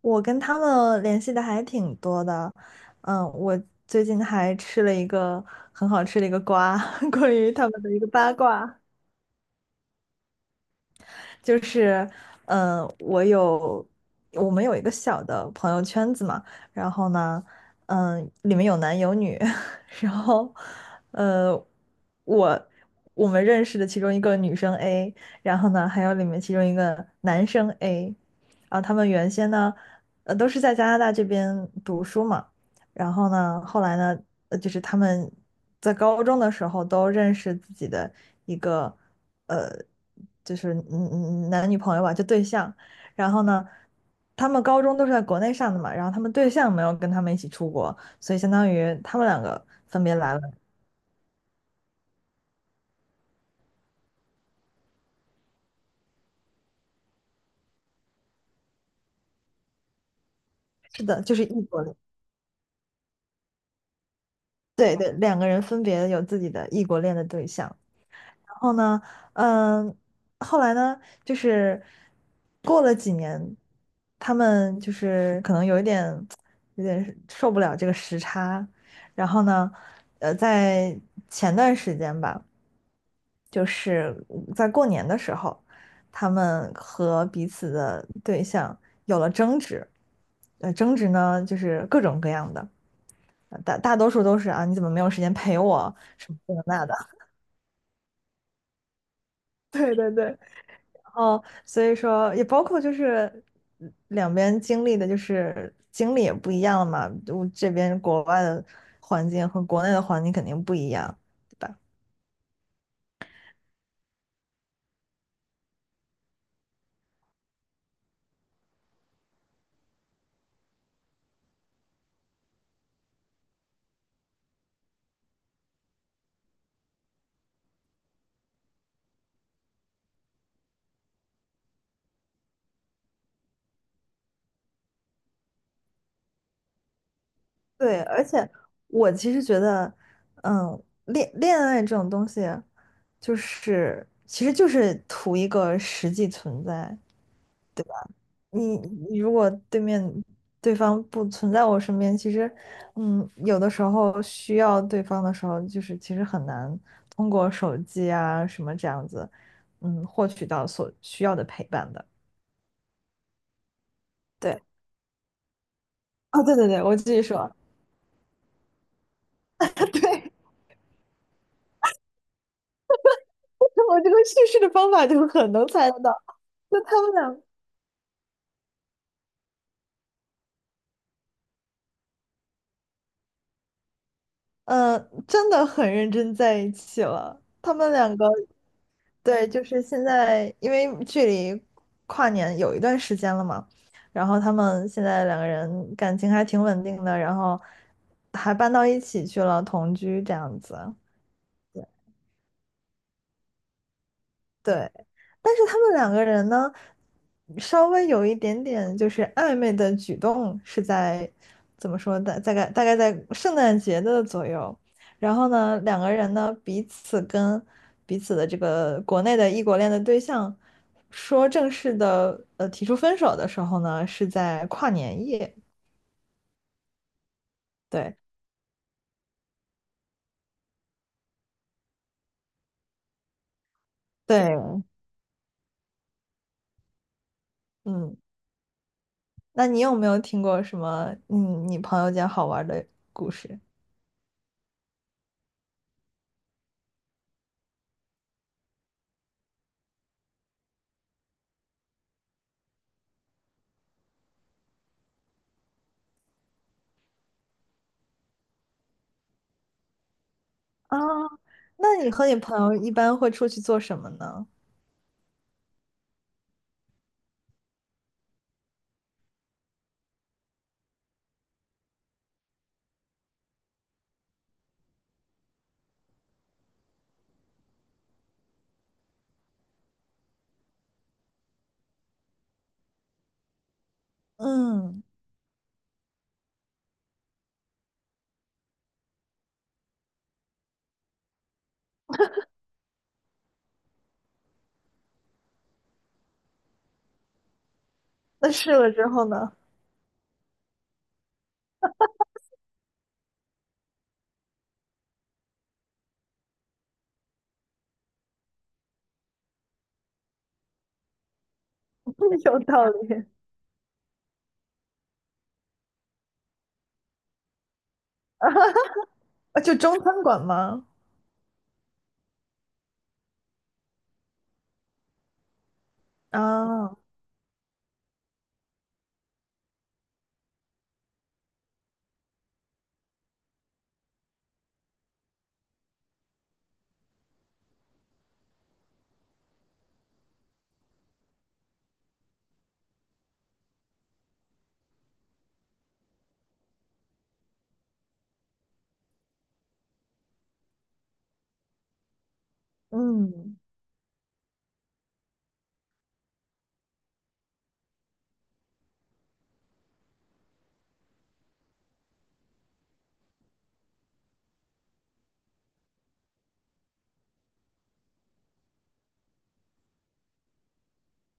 我跟他们联系的还挺多的。我最近还吃了一个很好吃的一个瓜，关于他们的一个八卦。就是，嗯，我有我们有一个小的朋友圈子嘛。然后呢，嗯，里面有男有女。然后，呃，我我们认识的其中一个女生 A，然后呢，还有里面其中一个男生 A。然后他们原先呢，都是在加拿大这边读书嘛。然后呢，后来呢，就是他们在高中的时候都认识自己的一个。呃，男女朋友吧，就对象。然后呢，他们高中都是在国内上的嘛，然后他们对象没有跟他们一起出国，所以相当于他们两个分别来了。是的，就是异国恋。对对，两个人分别有自己的异国恋的对象。然后呢，嗯，后来呢，就是过了几年，他们就是可能有一点有点受不了这个时差。然后呢，在前段时间吧，就是在过年的时候，他们和彼此的对象有了争执。争执呢就是各种各样的，大大多数都是啊，你怎么没有时间陪我什么这个那的。对对对。哦，所以说也包括就是两边经历的，就是经历也不一样嘛。我这边国外的环境和国内的环境肯定不一样，对吧？对，而且我其实觉得，恋爱这种东西，就是其实就是图一个实际存在。你你如果对方不存在我身边，其实，嗯，有的时候需要对方的时候，就是其实很难通过手机啊什么这样子，嗯，获取到所需要的陪伴的。对，啊，对对对，我继续说。对。我这个叙事的方法就很能猜得到，就他们俩。嗯，真的很认真在一起了。他们两个，对，就是现在，因为距离跨年有一段时间了嘛，然后他们现在两个人感情还挺稳定的，然后还搬到一起去了，同居这样子。对，但是他们两个人呢，稍微有一点点就是暧昧的举动是在怎么说的？大概在圣诞节的左右。然后呢，两个人呢彼此跟彼此的这个国内的异国恋的对象说正式的提出分手的时候呢，是在跨年夜。对对。嗯，那你有没有听过什么你朋友间好玩的故事？啊，那你和你朋友一般会出去做什么呢？嗯，那试了之后呢？有道理。啊，就中餐馆吗？啊。嗯。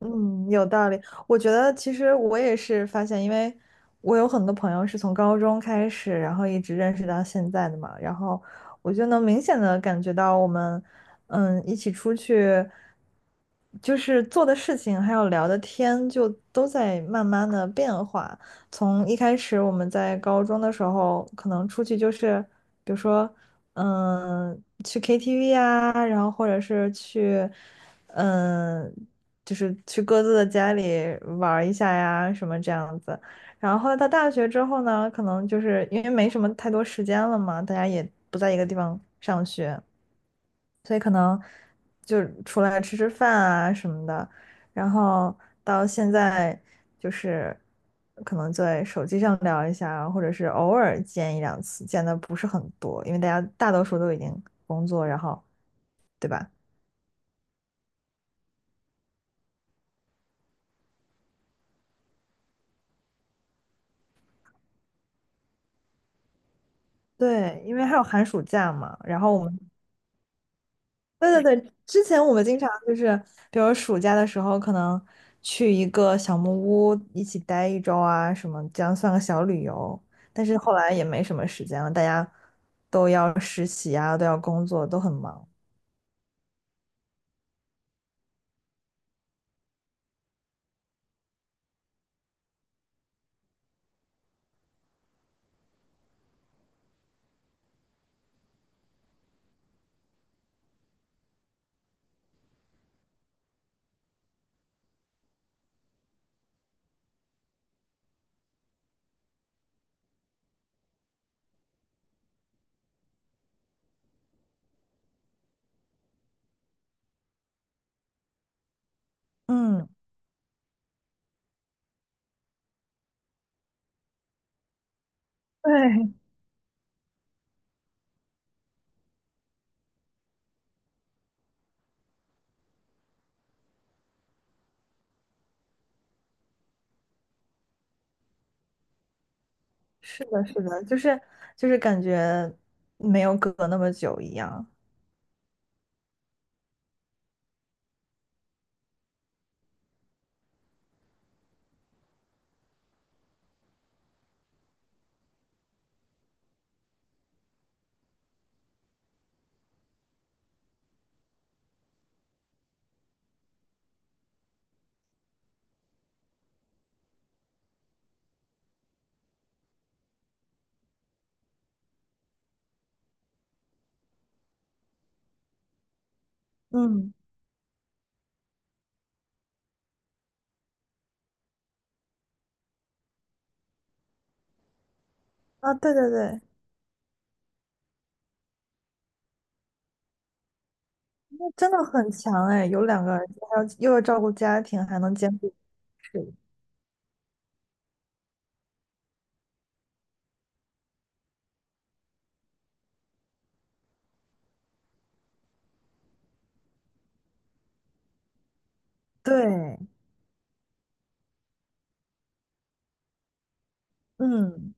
嗯，有道理。我觉得其实我也是发现，因为我有很多朋友是从高中开始，然后一直认识到现在的嘛，然后我就能明显的感觉到我们，嗯，一起出去，就是做的事情，还有聊的天，就都在慢慢的变化。从一开始我们在高中的时候，可能出去就是，比如说，嗯，去 KTV 啊，然后或者是去，嗯就是去各自的家里玩儿一下呀，什么这样子。然后后来到大学之后呢，可能就是因为没什么太多时间了嘛，大家也不在一个地方上学，所以可能就出来吃吃饭啊什么的。然后到现在就是可能在手机上聊一下，或者是偶尔见一两次，见的不是很多，因为大家大多数都已经工作，然后对吧？对，因为还有寒暑假嘛，然后我们对对对，之前我们经常就是，比如暑假的时候，可能去一个小木屋一起待一周啊，什么这样算个小旅游。但是后来也没什么时间了，大家都要实习啊，都要工作，都很忙。嗯，对，是的，是的，就是就是感觉没有隔那么久一样。嗯。啊，对对对，那真的很强哎，有两个儿还要又要照顾家庭，还能兼顾事业。对，嗯。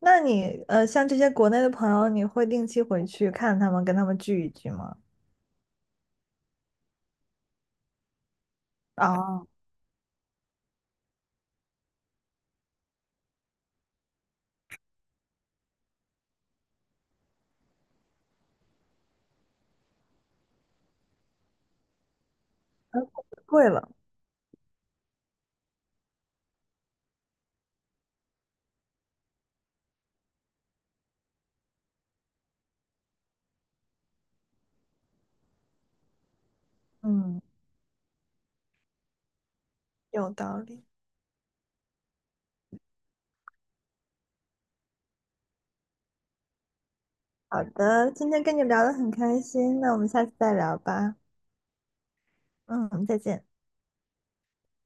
那你像这些国内的朋友，你会定期回去看他们，跟他们聚一聚吗？哦，会了。嗯，有道理。好的，今天跟你聊得很开心，那我们下次再聊吧。嗯，再见。